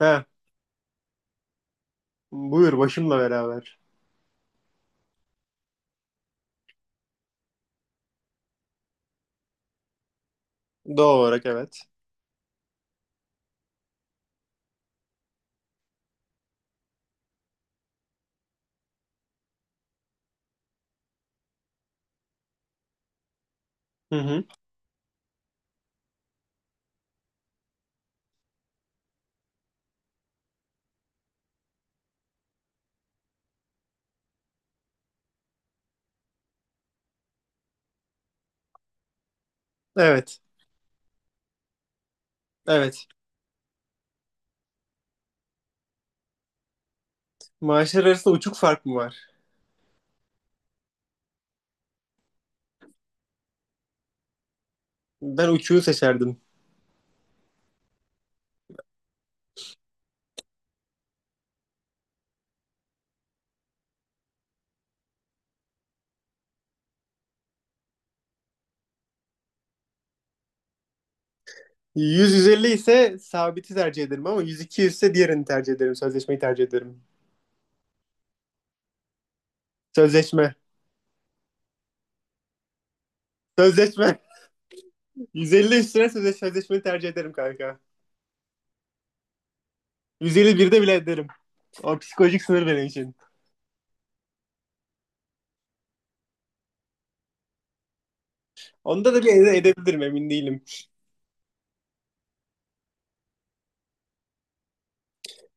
He, buyur başımla beraber. Doğal olarak evet. Hı hı. Evet. Evet. Maaşlar arasında uçuk fark mı var? Ben uçuğu seçerdim. 150 ise sabiti tercih ederim, ama 100-200 ise diğerini tercih ederim. Sözleşmeyi tercih ederim. Sözleşme. Sözleşme. 150 üstüne sözleşmeyi tercih ederim kanka. 151'de bile ederim. O psikolojik sınır benim için. Onda da bir edebilirim, emin değilim.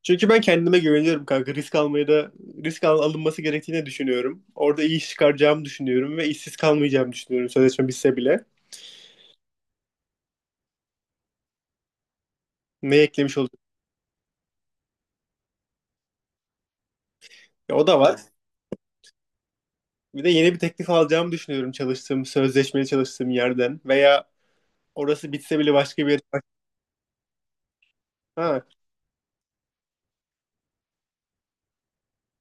Çünkü ben kendime güveniyorum kanka. Risk almaya da alınması gerektiğini düşünüyorum. Orada iyi iş çıkaracağımı düşünüyorum ve işsiz kalmayacağımı düşünüyorum, sözleşme bitse bile. Ne eklemiş olduk? Ya, o da var. Bir de yeni bir teklif alacağımı düşünüyorum çalıştığım, sözleşmeli çalıştığım yerden veya orası bitse bile başka bir yer. Ha.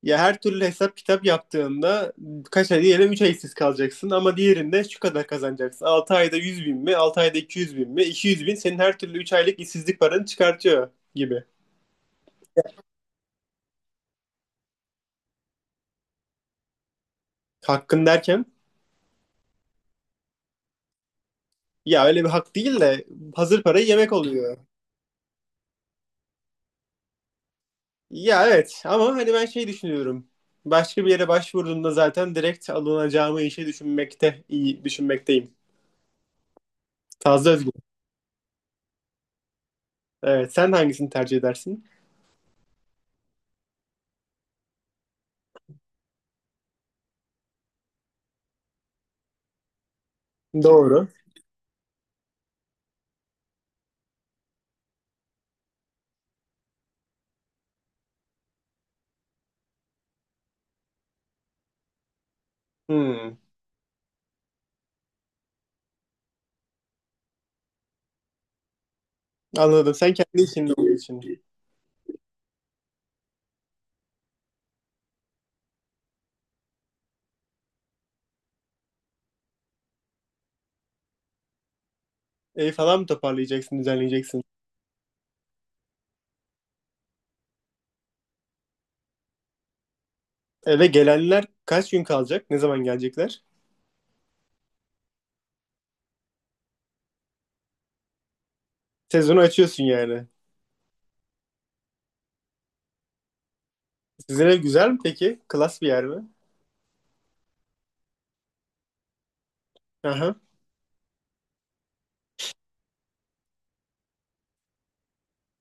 Ya her türlü hesap kitap yaptığında, kaç ay diyelim, 3 ay işsiz kalacaksın, ama diğerinde şu kadar kazanacaksın. 6 ayda 100.000 mi? 6 ayda 200.000 mi? 200.000 senin her türlü 3 aylık işsizlik paranı çıkartıyor gibi. Hakkın derken? Ya, öyle bir hak değil de hazır parayı yemek oluyor. Ya evet, ama hani ben şey düşünüyorum. Başka bir yere başvurduğumda zaten direkt alınacağımı işe düşünmekte, iyi düşünmekteyim. Fazla özgür. Evet, sen hangisini tercih edersin? Doğru. Hmm, anladım. Sen kendi işin olduğu için. Evi falan mı toparlayacaksın, düzenleyeceksin? Eve gelenler kaç gün kalacak? Ne zaman gelecekler? Sezonu açıyorsun yani. Sizin ev güzel mi peki? Klas bir yer mi? Aha.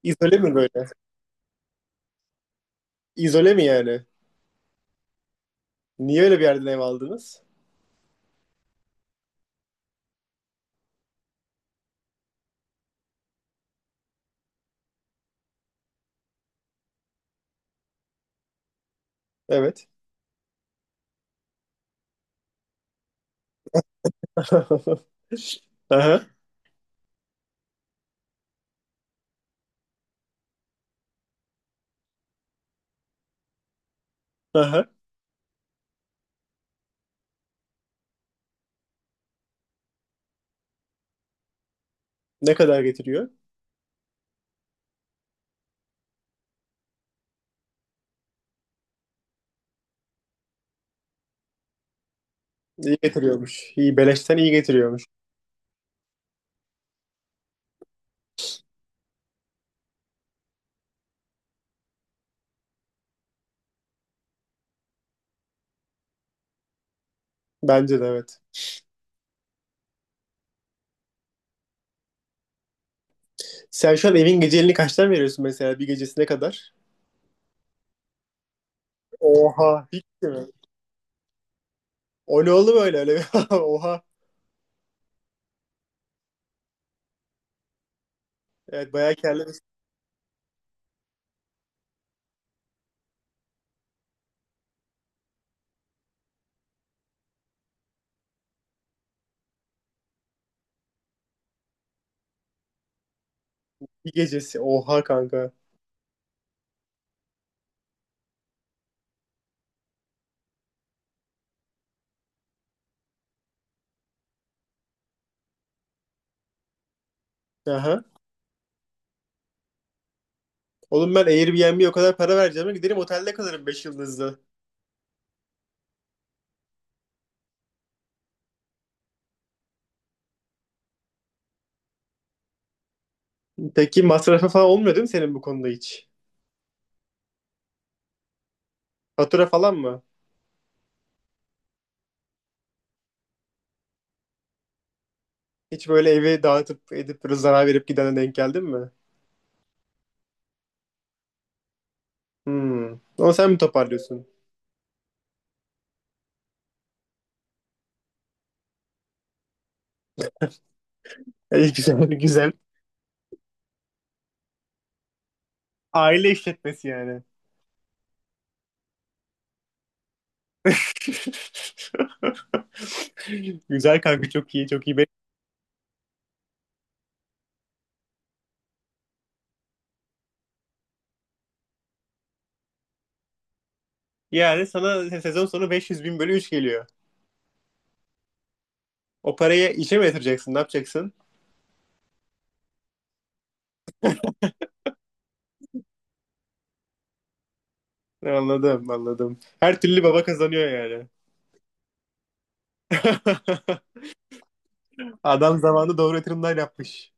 İzole mi böyle? İzole mi yani? Niye öyle bir yerden ev aldınız? Evet. Aha, aha. Ne kadar getiriyor? İyi getiriyormuş. İyi, beleşten iyi getiriyormuş. Bence de evet. Sen şu an evin geceliğini kaçtan veriyorsun, mesela bir gecesi ne kadar? Oha. Hiç mi? O ne oldu böyle Oha. Evet, bayağı kârlı bir gecesi. Oha kanka. Aha. Oğlum, ben Airbnb'ye o kadar para vereceğime giderim otelde kalırım 5 yıldızlı. Peki masrafı falan olmuyor değil mi senin bu konuda hiç? Fatura falan mı? Hiç böyle evi dağıtıp edip böyle zarar verip gidene denk geldin mi? Hmm. Ama sen mi toparlıyorsun? İyi güzel, güzel. Aile işletmesi yani. Güzel kanka, çok iyi çok iyi. Yani sana sezon sonu 500 bin bölü 3 geliyor. O parayı işe mi yatıracaksın? Ne yapacaksın? Anladım, anladım. Her türlü baba kazanıyor yani. Adam zamanında doğru yatırımlar yapmış.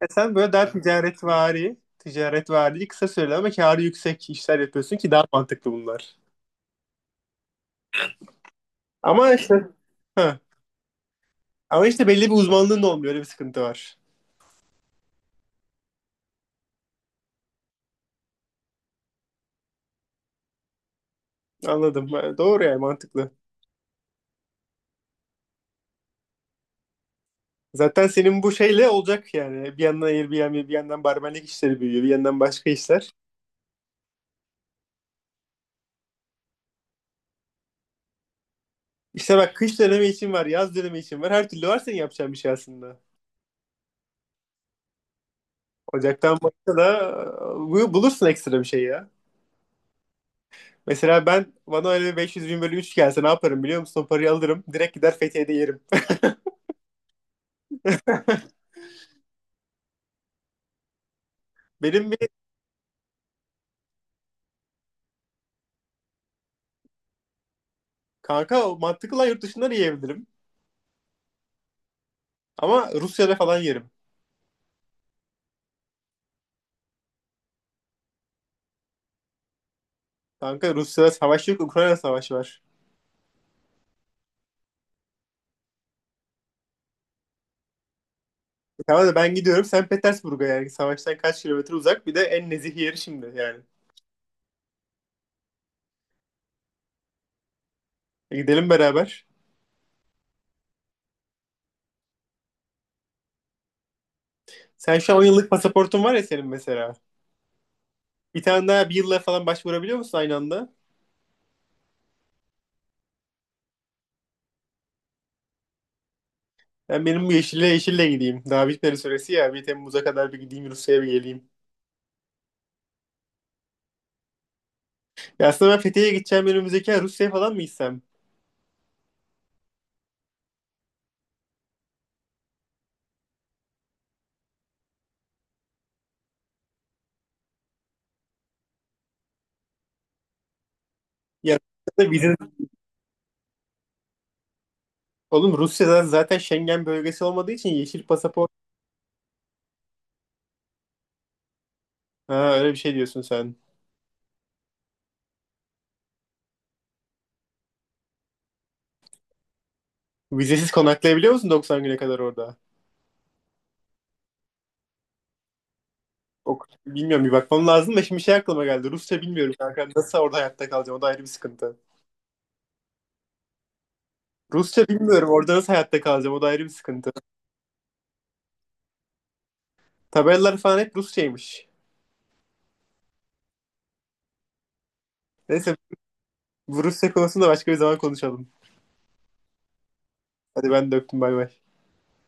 Ya sen böyle daha ticaretvari, kısa süreli ama kârı yüksek işler yapıyorsun ki daha mantıklı bunlar. Ama işte ha, ama işte belli bir uzmanlığın da olmuyor. Öyle bir sıkıntı var. Anladım. Ha, doğru yani, mantıklı. Zaten senin bu şeyle olacak yani. Bir yandan Airbnb, bir yandan barmenlik işleri büyüyor, bir yandan başka işler. İşte bak, kış dönemi için var, yaz dönemi için var. Her türlü var senin yapacağın bir şey aslında. Ocaktan başka da bulursun ekstra bir şey ya. Mesela ben, bana öyle bir 500 bin bölü 3 gelse ne yaparım biliyor musun? O parayı alırım. Direkt gider Fethiye'de yerim. Benim bir kanka o mantıklı lan, yurt dışından yiyebilirim. Ama Rusya'da falan yerim. Kanka, Rusya'da savaş yok. Ukrayna savaşı var. E tamam da, ben gidiyorum. Sen Petersburg'a yani. Savaştan kaç kilometre uzak? Bir de en nezih yeri şimdi yani. E, gidelim beraber. Sen şu an 10 yıllık pasaportun var ya senin mesela. Bir tane daha bir yılla falan başvurabiliyor musun aynı anda? Benim bu yeşille gideyim. Daha bitmedi süresi ya. Bir Temmuz'a kadar bir gideyim Rusya'ya, bir geleyim. Ya aslında ben Fethiye'ye gideceğim önümüzdeki ay, Rusya'ya falan mı gitsem? Ya Rusya'da vize... Oğlum, Rusya'da zaten Schengen bölgesi olmadığı için yeşil pasaport. Ha, öyle bir şey diyorsun sen. Vizesiz konaklayabiliyor musun 90 güne kadar orada? Ok, bilmiyorum, bir bakmam lazım da şimdi şey aklıma geldi. Rusça bilmiyorum kanka. Nasıl orada hayatta kalacağım? O da ayrı bir sıkıntı. Rusça bilmiyorum. Orada nasıl hayatta kalacağım? O da ayrı bir sıkıntı. Tabelalar falan hep Rusçaymış. Neyse, bu Rusya konusunda başka bir zaman konuşalım. Hadi, ben de öptüm, bay bay.